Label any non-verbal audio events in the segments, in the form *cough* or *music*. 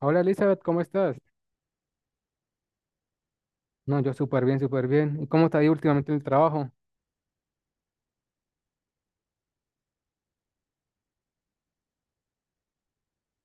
Hola Elizabeth, ¿cómo estás? No, yo súper bien, súper bien. ¿Y cómo te ha ido últimamente en el trabajo?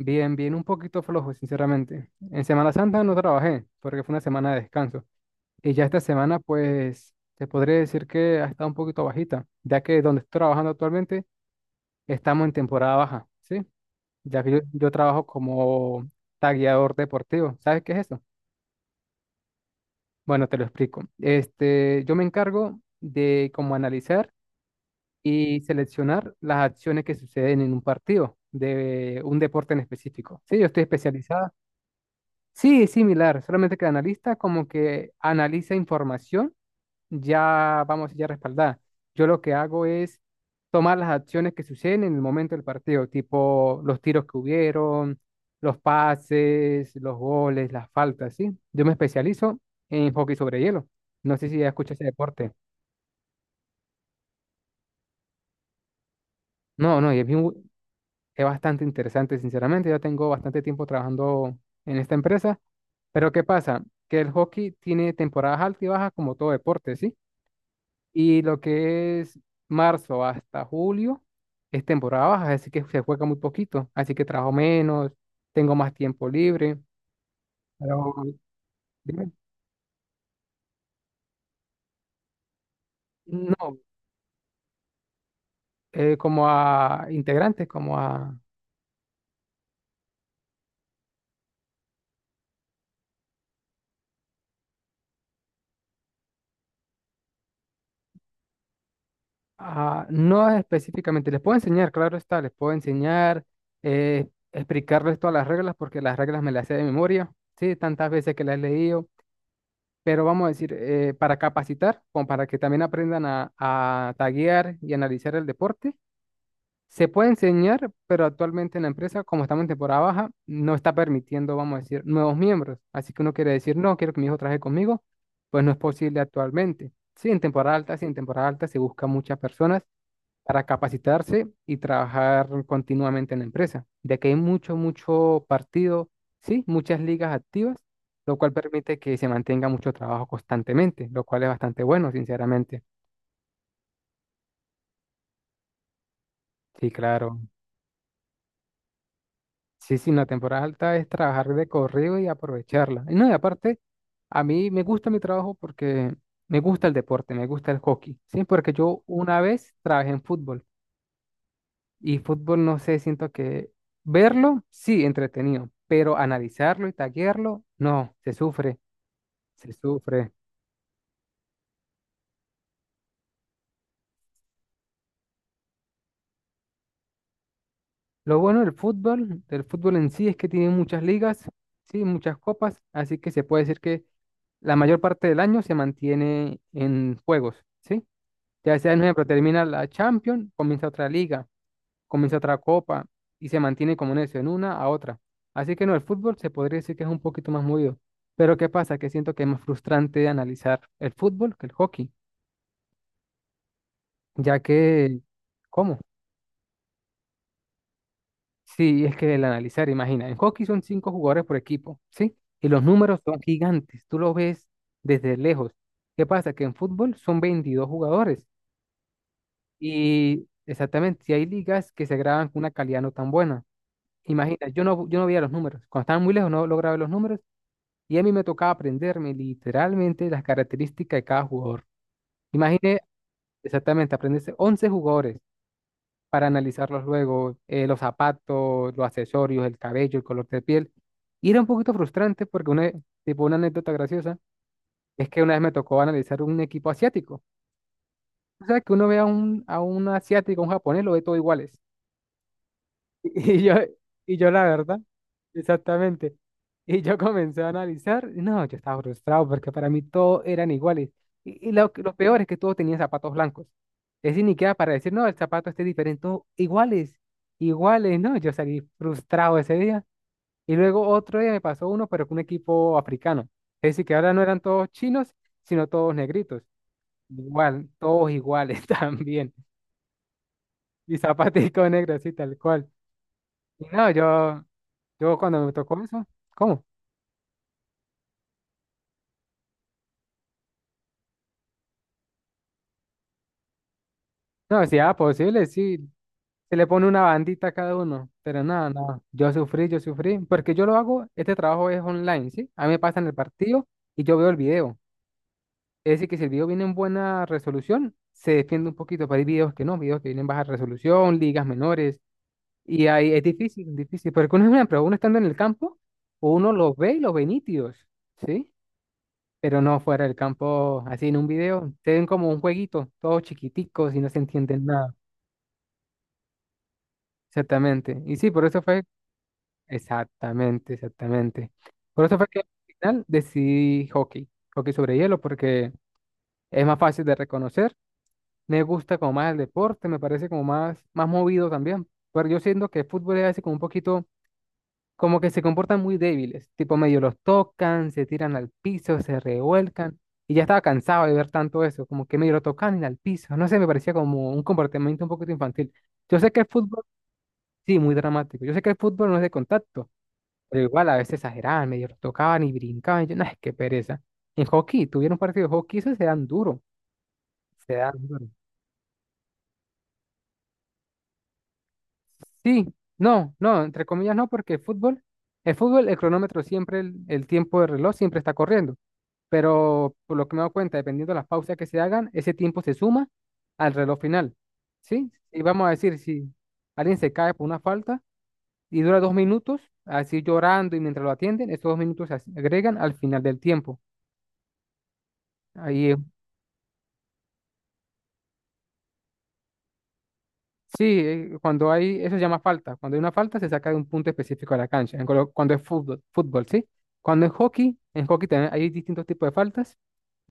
Bien, bien, un poquito flojo, sinceramente. En Semana Santa no trabajé porque fue una semana de descanso. Y ya esta semana, pues, te podría decir que ha estado un poquito bajita, ya que donde estoy trabajando actualmente estamos en temporada baja, ¿sí? Ya que yo trabajo como tagueador deportivo. ¿Sabes qué es eso? Bueno, te lo explico. Yo me encargo de como analizar y seleccionar las acciones que suceden en un partido de un deporte en específico. Sí, yo estoy especializada. Sí, es similar, solamente que analista como que analiza información ya, vamos, ya respaldada. Yo lo que hago es tomar las acciones que suceden en el momento del partido, tipo los tiros que hubieron, los pases, los goles, las faltas, ¿sí? Yo me especializo en hockey sobre hielo. No sé si ya escuchas ese deporte. No, no, es bastante interesante, sinceramente. Ya tengo bastante tiempo trabajando en esta empresa. Pero ¿qué pasa? Que el hockey tiene temporadas altas y bajas como todo deporte, ¿sí? Y lo que es marzo hasta julio es temporada baja, así que se juega muy poquito. Así que trabajo menos, tengo más tiempo libre. Pero, dime, no, como a integrantes, como a. Ah, no específicamente, les puedo enseñar, claro está, les puedo enseñar, explicarles todas las reglas, porque las reglas me las sé de memoria, sí, tantas veces que las he leído, pero vamos a decir, para capacitar, como para que también aprendan a taguear y analizar el deporte, se puede enseñar, pero actualmente en la empresa, como estamos en temporada baja, no está permitiendo, vamos a decir, nuevos miembros, así que uno quiere decir, no, quiero que mi hijo trabaje conmigo, pues no es posible actualmente. Sí, en temporada alta, sí, en temporada alta se busca muchas personas para capacitarse y trabajar continuamente en la empresa, ya que hay mucho, mucho partido, sí, muchas ligas activas, lo cual permite que se mantenga mucho trabajo constantemente, lo cual es bastante bueno, sinceramente. Sí, claro. Sí, sí, la temporada alta es trabajar de corrido y aprovecharla. Y no, y aparte, a mí me gusta mi trabajo porque me gusta el deporte, me gusta el hockey, sí, porque yo una vez trabajé en fútbol. Y fútbol, no sé, siento que verlo, sí, entretenido, pero analizarlo y taguearlo, no, se sufre, se sufre. Lo bueno del fútbol en sí, es que tiene muchas ligas, sí, muchas copas, así que se puede decir que la mayor parte del año se mantiene en juegos, ¿sí? Ya sea, por ejemplo, termina la Champions, comienza otra liga, comienza otra copa y se mantiene como en eso, en una a otra. Así que no, el fútbol se podría decir que es un poquito más movido. Pero ¿qué pasa? Que siento que es más frustrante de analizar el fútbol que el hockey, ya que, ¿cómo? Sí, es que el analizar, imagina, en hockey son cinco jugadores por equipo, ¿sí? Y los números son gigantes, tú los ves desde lejos. ¿Qué pasa? Que en fútbol son 22 jugadores y exactamente, si hay ligas que se graban con una calidad no tan buena. Imagina, yo no veía los números. Cuando estaban muy lejos no lograba ver los números y a mí me tocaba aprenderme literalmente las características de cada jugador. Imagine exactamente aprenderse 11 jugadores para analizarlos luego, los zapatos, los accesorios, el cabello, el color de piel. Y era un poquito frustrante porque una anécdota graciosa es que una vez me tocó analizar un equipo asiático. O sea, que uno ve a un asiático, a un japonés, lo ve todo iguales. Y y yo, y yo la verdad, exactamente. Y yo comencé a analizar, y no, yo estaba frustrado porque para mí todos eran iguales. Y lo peor es que todos tenían zapatos blancos. Es decir, ni queda para decir, no, el zapato este es diferente, todos iguales, iguales, ¿no? Yo salí frustrado ese día. Y luego otro día me pasó uno, pero con un equipo africano. Es decir, que ahora no eran todos chinos, sino todos negritos. Igual, todos iguales *laughs* también. Y zapatico negro, así tal cual. Y no, yo cuando me tocó eso, ¿cómo? No, si era posible, sí. Se le pone una bandita a cada uno, pero nada, nada. Yo sufrí, porque yo lo hago, este trabajo es online, ¿sí? A mí me pasan el partido y yo veo el video. Es decir, que si el video viene en buena resolución, se defiende un poquito, pero hay videos que no, videos que vienen en baja resolución, ligas menores, y ahí es difícil, difícil, porque uno, pero uno estando en el campo, uno los ve y los ve nítidos, ¿sí? Pero no fuera del campo, así en un video, te ven como un jueguito, todos chiquiticos y no se entienden nada. Exactamente. Y sí, por eso fue, exactamente, exactamente. Por eso fue que al final decidí hockey, hockey sobre hielo, porque es más fácil de reconocer, me gusta como más el deporte, me parece como más, más movido también, pero yo siento que el fútbol es así como un poquito como que se comportan muy débiles, tipo medio los tocan, se tiran al piso, se revuelcan. Y ya estaba cansado de ver tanto eso, como que medio lo tocan y al piso. No sé, me parecía como un comportamiento un poquito infantil. Yo sé que el fútbol, sí, muy dramático. Yo sé que el fútbol no es de contacto, pero igual a veces exageraban, medio los tocaban y brincaban. Y yo, no, es que pereza. En hockey, tuvieron un partido de hockey, eso se dan duro. Se dan duro. Sí, no, no, entre comillas no, porque el fútbol, el fútbol, el cronómetro siempre, el tiempo de reloj siempre está corriendo. Pero por lo que me he dado cuenta, dependiendo de las pausas que se hagan, ese tiempo se suma al reloj final, ¿sí? Y vamos a decir, si alguien se cae por una falta y dura 2 minutos, así llorando y mientras lo atienden, estos 2 minutos agregan al final del tiempo. Ahí, sí, cuando hay, eso se llama falta. Cuando hay una falta, se saca de un punto específico de la cancha, cuando es fútbol, fútbol, ¿sí? Cuando es hockey, en hockey también hay distintos tipos de faltas,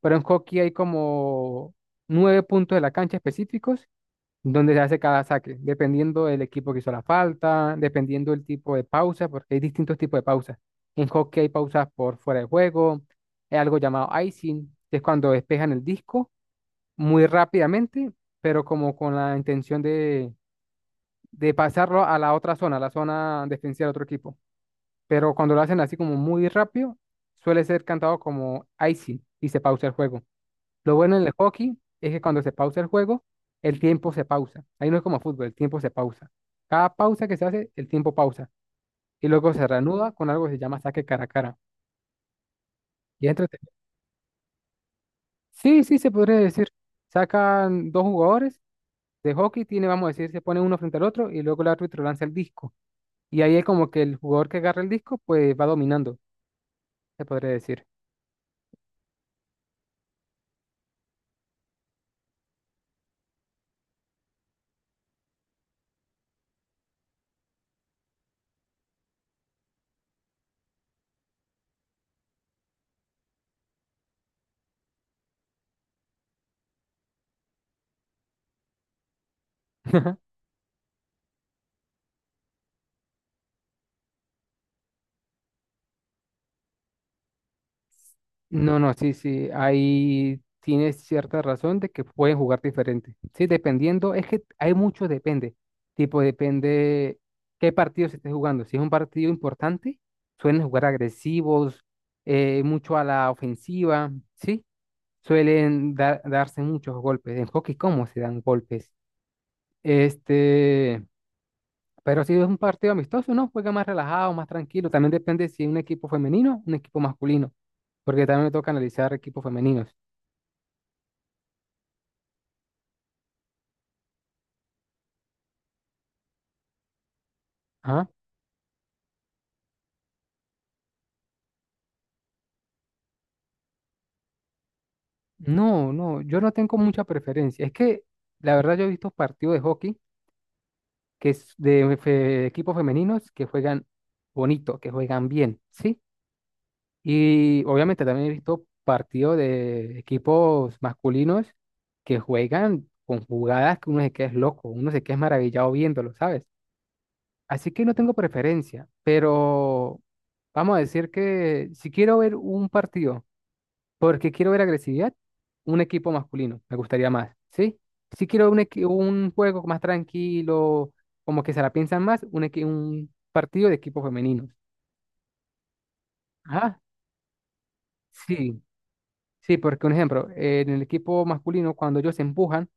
pero en hockey hay como nueve puntos de la cancha específicos donde se hace cada saque, dependiendo del equipo que hizo la falta, dependiendo del tipo de pausa, porque hay distintos tipos de pausas. En hockey hay pausas por fuera de juego, hay algo llamado icing, que es cuando despejan el disco muy rápidamente, pero como con la intención de pasarlo a la otra zona, a la zona defensiva del otro equipo. Pero cuando lo hacen así como muy rápido, suele ser cantado como icing y se pausa el juego. Lo bueno en el hockey es que cuando se pausa el juego, el tiempo se pausa. Ahí no es como fútbol, el tiempo se pausa. Cada pausa que se hace, el tiempo pausa. Y luego se reanuda con algo que se llama saque cara a cara. Y es entretenido. Sí, sí, se podría decir. Sacan dos jugadores de hockey, tiene, vamos a decir, se pone uno frente al otro y luego el árbitro lanza el disco. Y ahí es como que el jugador que agarra el disco, pues va dominando, se podría decir. *laughs* No, no, sí, sí, ahí tienes cierta razón de que pueden jugar diferente. Sí, dependiendo, es que hay mucho depende. Tipo, depende qué partido se esté jugando. Si es un partido importante, suelen jugar agresivos, mucho a la ofensiva, ¿sí? Suelen darse muchos golpes. En hockey, ¿cómo se dan golpes? Este, pero si es un partido amistoso, no, juega más relajado, más tranquilo. También depende si es un equipo femenino, un equipo masculino porque también me toca analizar equipos femeninos. Ah, no, no, yo no tengo mucha preferencia. Es que la verdad yo he visto partidos de hockey que es equipos femeninos que juegan bonito, que juegan bien, ¿sí? Y obviamente también he visto partidos de equipos masculinos que juegan con jugadas que uno se queda es loco, uno se queda es maravillado viéndolo, ¿sabes? Así que no tengo preferencia, pero vamos a decir que si quiero ver un partido. Porque quiero ver agresividad, un equipo masculino, me gustaría más, ¿sí? Si quiero un juego más tranquilo, como que se la piensan más, un partido de equipos femeninos. Ajá, sí, sí, porque un ejemplo, en el equipo masculino, cuando ellos se empujan,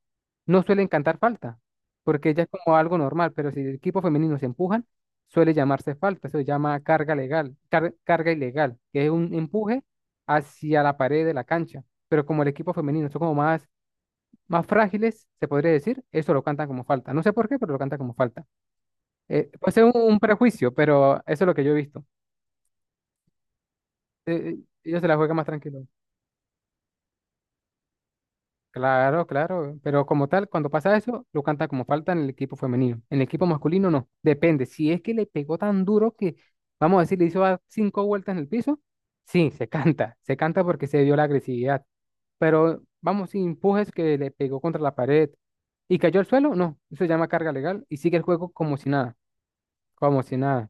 no suelen cantar falta, porque ya es como algo normal, pero si el equipo femenino se empujan, suele llamarse falta, eso se llama carga legal, carga ilegal, que es un empuje hacia la pared de la cancha, pero como el equipo femenino, son como más más frágiles, se podría decir, eso lo cantan como falta. No sé por qué, pero lo cantan como falta. Puede ser un prejuicio, pero eso es lo que yo he visto. Eh, ellos se la juegan más tranquilo. Claro, claro, pero como tal, cuando pasa eso, lo canta como falta en el equipo femenino. En el equipo masculino no, depende. Si es que le pegó tan duro que, vamos a decir, le hizo dar cinco vueltas en el piso, sí, se canta porque se dio la agresividad. Pero vamos, si empujes que le pegó contra la pared y cayó al suelo, no, eso se llama carga legal y sigue el juego como si nada. Como si nada.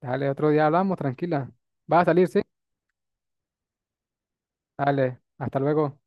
Dale, otro día hablamos, tranquila. Va a salir, ¿sí? Dale, hasta luego.